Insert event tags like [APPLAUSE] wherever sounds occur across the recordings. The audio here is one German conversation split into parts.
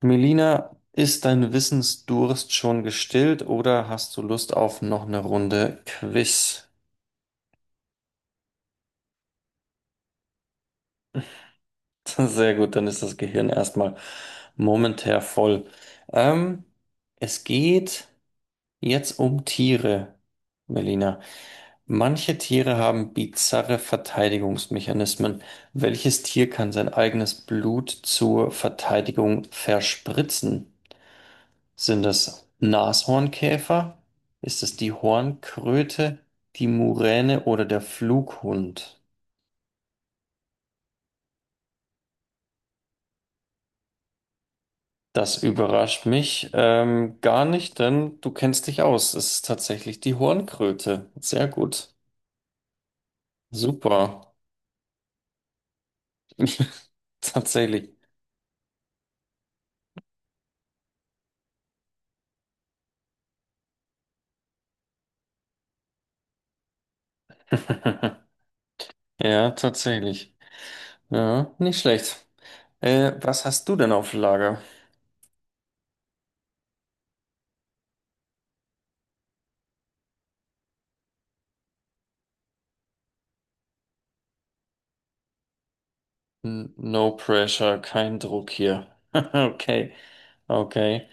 Melina, ist dein Wissensdurst schon gestillt oder hast du Lust auf noch eine Runde Quiz? [LAUGHS] Sehr gut, dann ist das Gehirn erstmal momentär voll. Ähm, Es geht jetzt um Tiere, Melina. Manche Tiere haben bizarre Verteidigungsmechanismen. Welches Tier kann sein eigenes Blut zur Verteidigung verspritzen? Sind das Nashornkäfer? Ist es die Hornkröte, die Muräne oder der Flughund? Das überrascht mich gar nicht, denn du kennst dich aus. Es ist tatsächlich die Hornkröte. Sehr gut. Super. [LAUGHS] Tatsächlich. [LAUGHS] Ja, tatsächlich. Ja, nicht schlecht. Was hast du denn auf Lager? No pressure, kein Druck hier. [LAUGHS] Okay, okay.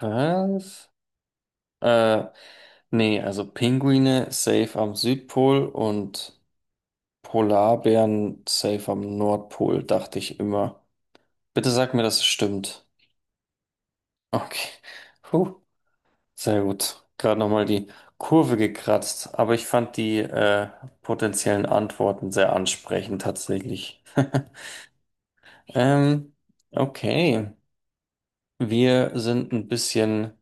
Was? Äh, Nee, also Pinguine safe am Südpol und Polarbären safe am Nordpol, dachte ich immer. Bitte sag mir, dass es stimmt. Okay. Puh, sehr gut. Gerade nochmal die Kurve gekratzt, aber ich fand die potenziellen Antworten sehr ansprechend tatsächlich. [LAUGHS] Ähm, okay. Wir sind ein bisschen.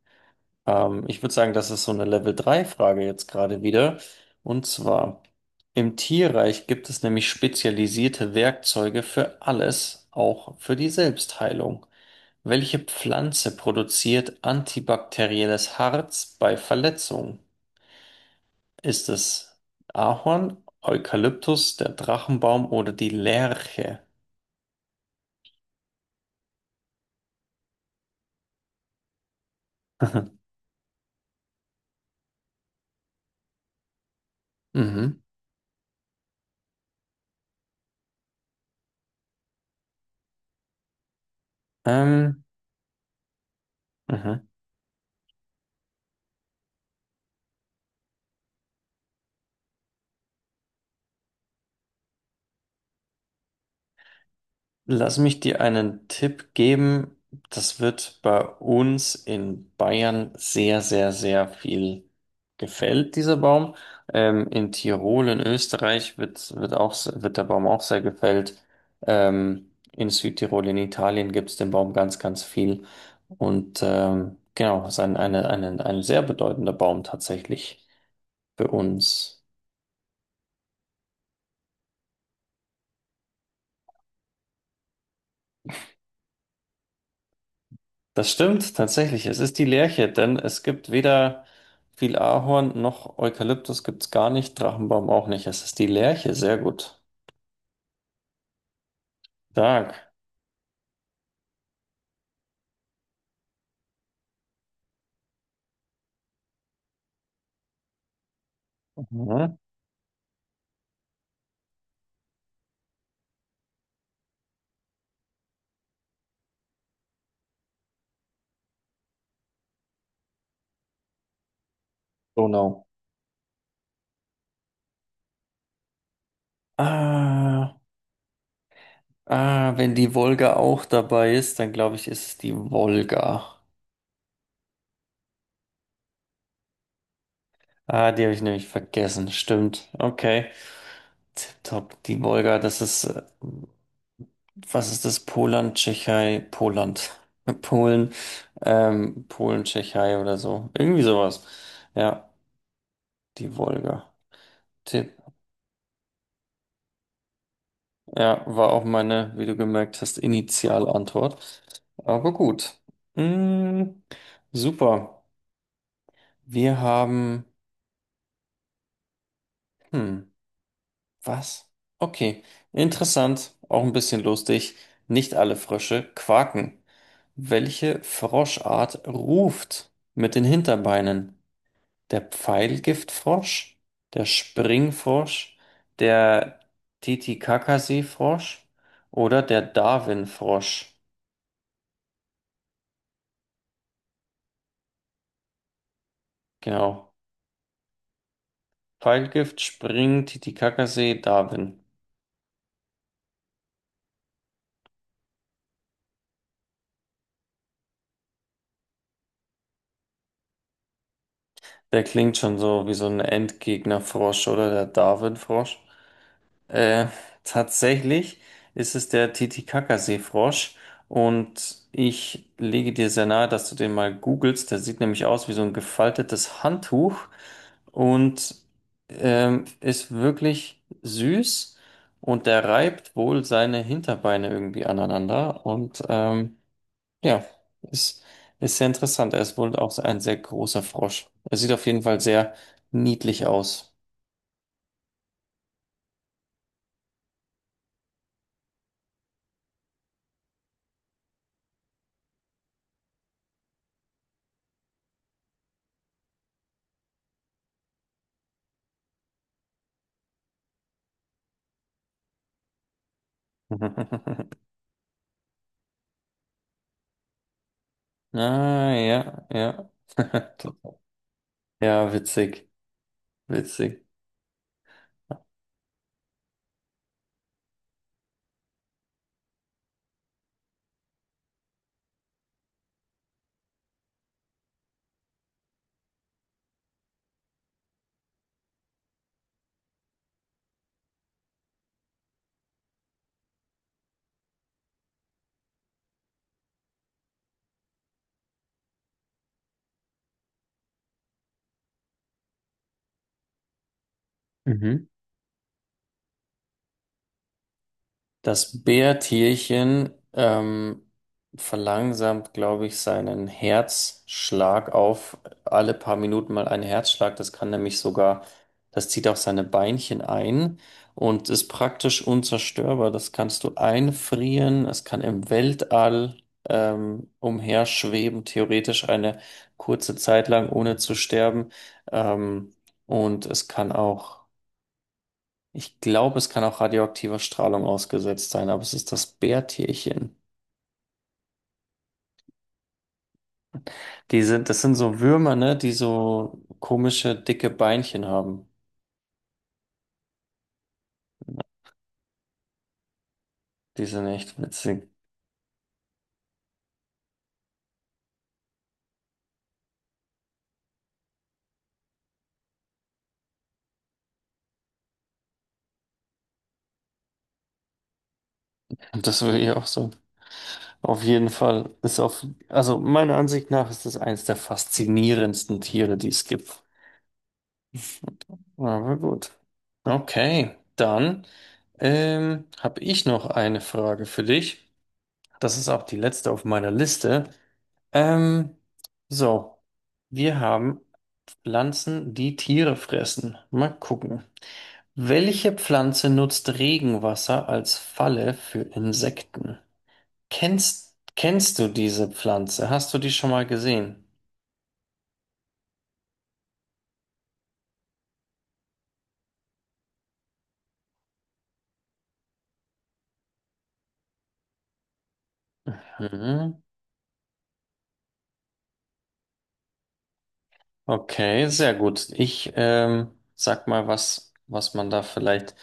Ich würde sagen, das ist so eine Level 3 frage jetzt gerade wieder. Und zwar, im Tierreich gibt es nämlich spezialisierte Werkzeuge für alles, auch für die Selbstheilung. Welche Pflanze produziert antibakterielles Harz bei Verletzungen? Ist es Ahorn, Eukalyptus, der Drachenbaum oder die Lerche? [LAUGHS] Mhm. Ähm, mhm. Lass mich dir einen Tipp geben. Das wird bei uns in Bayern sehr, sehr, sehr viel gefällt, dieser Baum. In Tirol, in Österreich wird der Baum auch sehr gefällt. In Südtirol, in Italien gibt es den Baum ganz, ganz viel. Und genau, es ist ein sehr bedeutender Baum tatsächlich für uns. Das stimmt tatsächlich. Es ist die Lerche, denn es gibt weder viel Ahorn noch Eukalyptus gibt's gar nicht, Drachenbaum auch nicht. Es ist die Lerche, sehr gut. Stark. Mhm. Mhm. Donau. Ah, ah, wenn die Wolga auch dabei ist, dann glaube ich, ist es die Wolga. Ah, die habe ich nämlich vergessen. Stimmt. Okay. Tipptopp. Die Wolga, das ist, was ist das? Poland, Tschechei, Poland. [LAUGHS] Polen, Polen, Tschechei oder so. Irgendwie sowas. Ja. Die Wolga. Tipp. Ja, war auch meine, wie du gemerkt hast, Initialantwort. Aber gut. Mm, super. Wir haben. Hm, was? Okay. Interessant, auch ein bisschen lustig. Nicht alle Frösche quaken. Welche Froschart ruft mit den Hinterbeinen? Der Pfeilgiftfrosch, der Springfrosch, der Titicacasi-Frosch oder der Darwin-Frosch. Genau. Pfeilgift, Spring, Titicacasee, Darwin. Der klingt schon so wie so ein Endgegnerfrosch oder der Darwin-Frosch. Äh, Tatsächlich ist es der Titicaca-Seefrosch und ich lege dir sehr nahe, dass du den mal googelst. Der sieht nämlich aus wie so ein gefaltetes Handtuch und ist wirklich süß und der reibt wohl seine Hinterbeine irgendwie aneinander und ja, ist, ist sehr interessant. Er ist wohl auch ein sehr großer Frosch. Er sieht auf jeden Fall sehr niedlich aus. [LAUGHS] Ah, ja, ja. [LAUGHS] Ja, witzig, witzig. Mhm. Das Bärtierchen verlangsamt, glaube ich, seinen Herzschlag auf alle paar Minuten mal einen Herzschlag. Das kann nämlich das zieht auch seine Beinchen ein und ist praktisch unzerstörbar. Das kannst du einfrieren. Es kann im Weltall umherschweben, theoretisch eine kurze Zeit lang, ohne zu sterben. Ähm, und es kann auch. Ich glaube, es kann auch radioaktiver Strahlung ausgesetzt sein, aber es ist das Bärtierchen. Das sind so Würmer, ne, die so komische, dicke Beinchen haben. Die sind echt witzig. Und das will ich auch so. Auf jeden Fall ist auf, also meiner Ansicht nach ist das eines der faszinierendsten Tiere, die es gibt. Aber gut. Okay, dann habe ich noch eine Frage für dich. Das ist auch die letzte auf meiner Liste. Ähm, so, wir haben Pflanzen, die Tiere fressen. Mal gucken. Welche Pflanze nutzt Regenwasser als Falle für Insekten? Kennst du diese Pflanze? Hast du die schon mal gesehen? Hm. Okay, sehr gut. Ich sag mal, was man da vielleicht,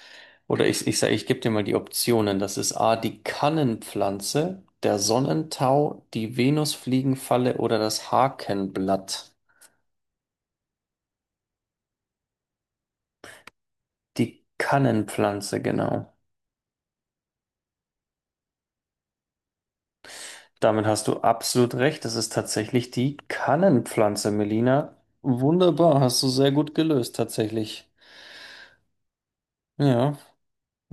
oder ich sage, ich gebe dir mal die Optionen. Das ist A, die Kannenpflanze, der Sonnentau, die Venusfliegenfalle oder das Hakenblatt. Die Kannenpflanze, genau. Damit hast du absolut recht. Das ist tatsächlich die Kannenpflanze, Melina. Wunderbar, hast du sehr gut gelöst, tatsächlich. Ja,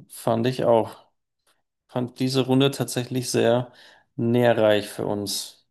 fand ich auch. Fand diese Runde tatsächlich sehr nährreich für uns.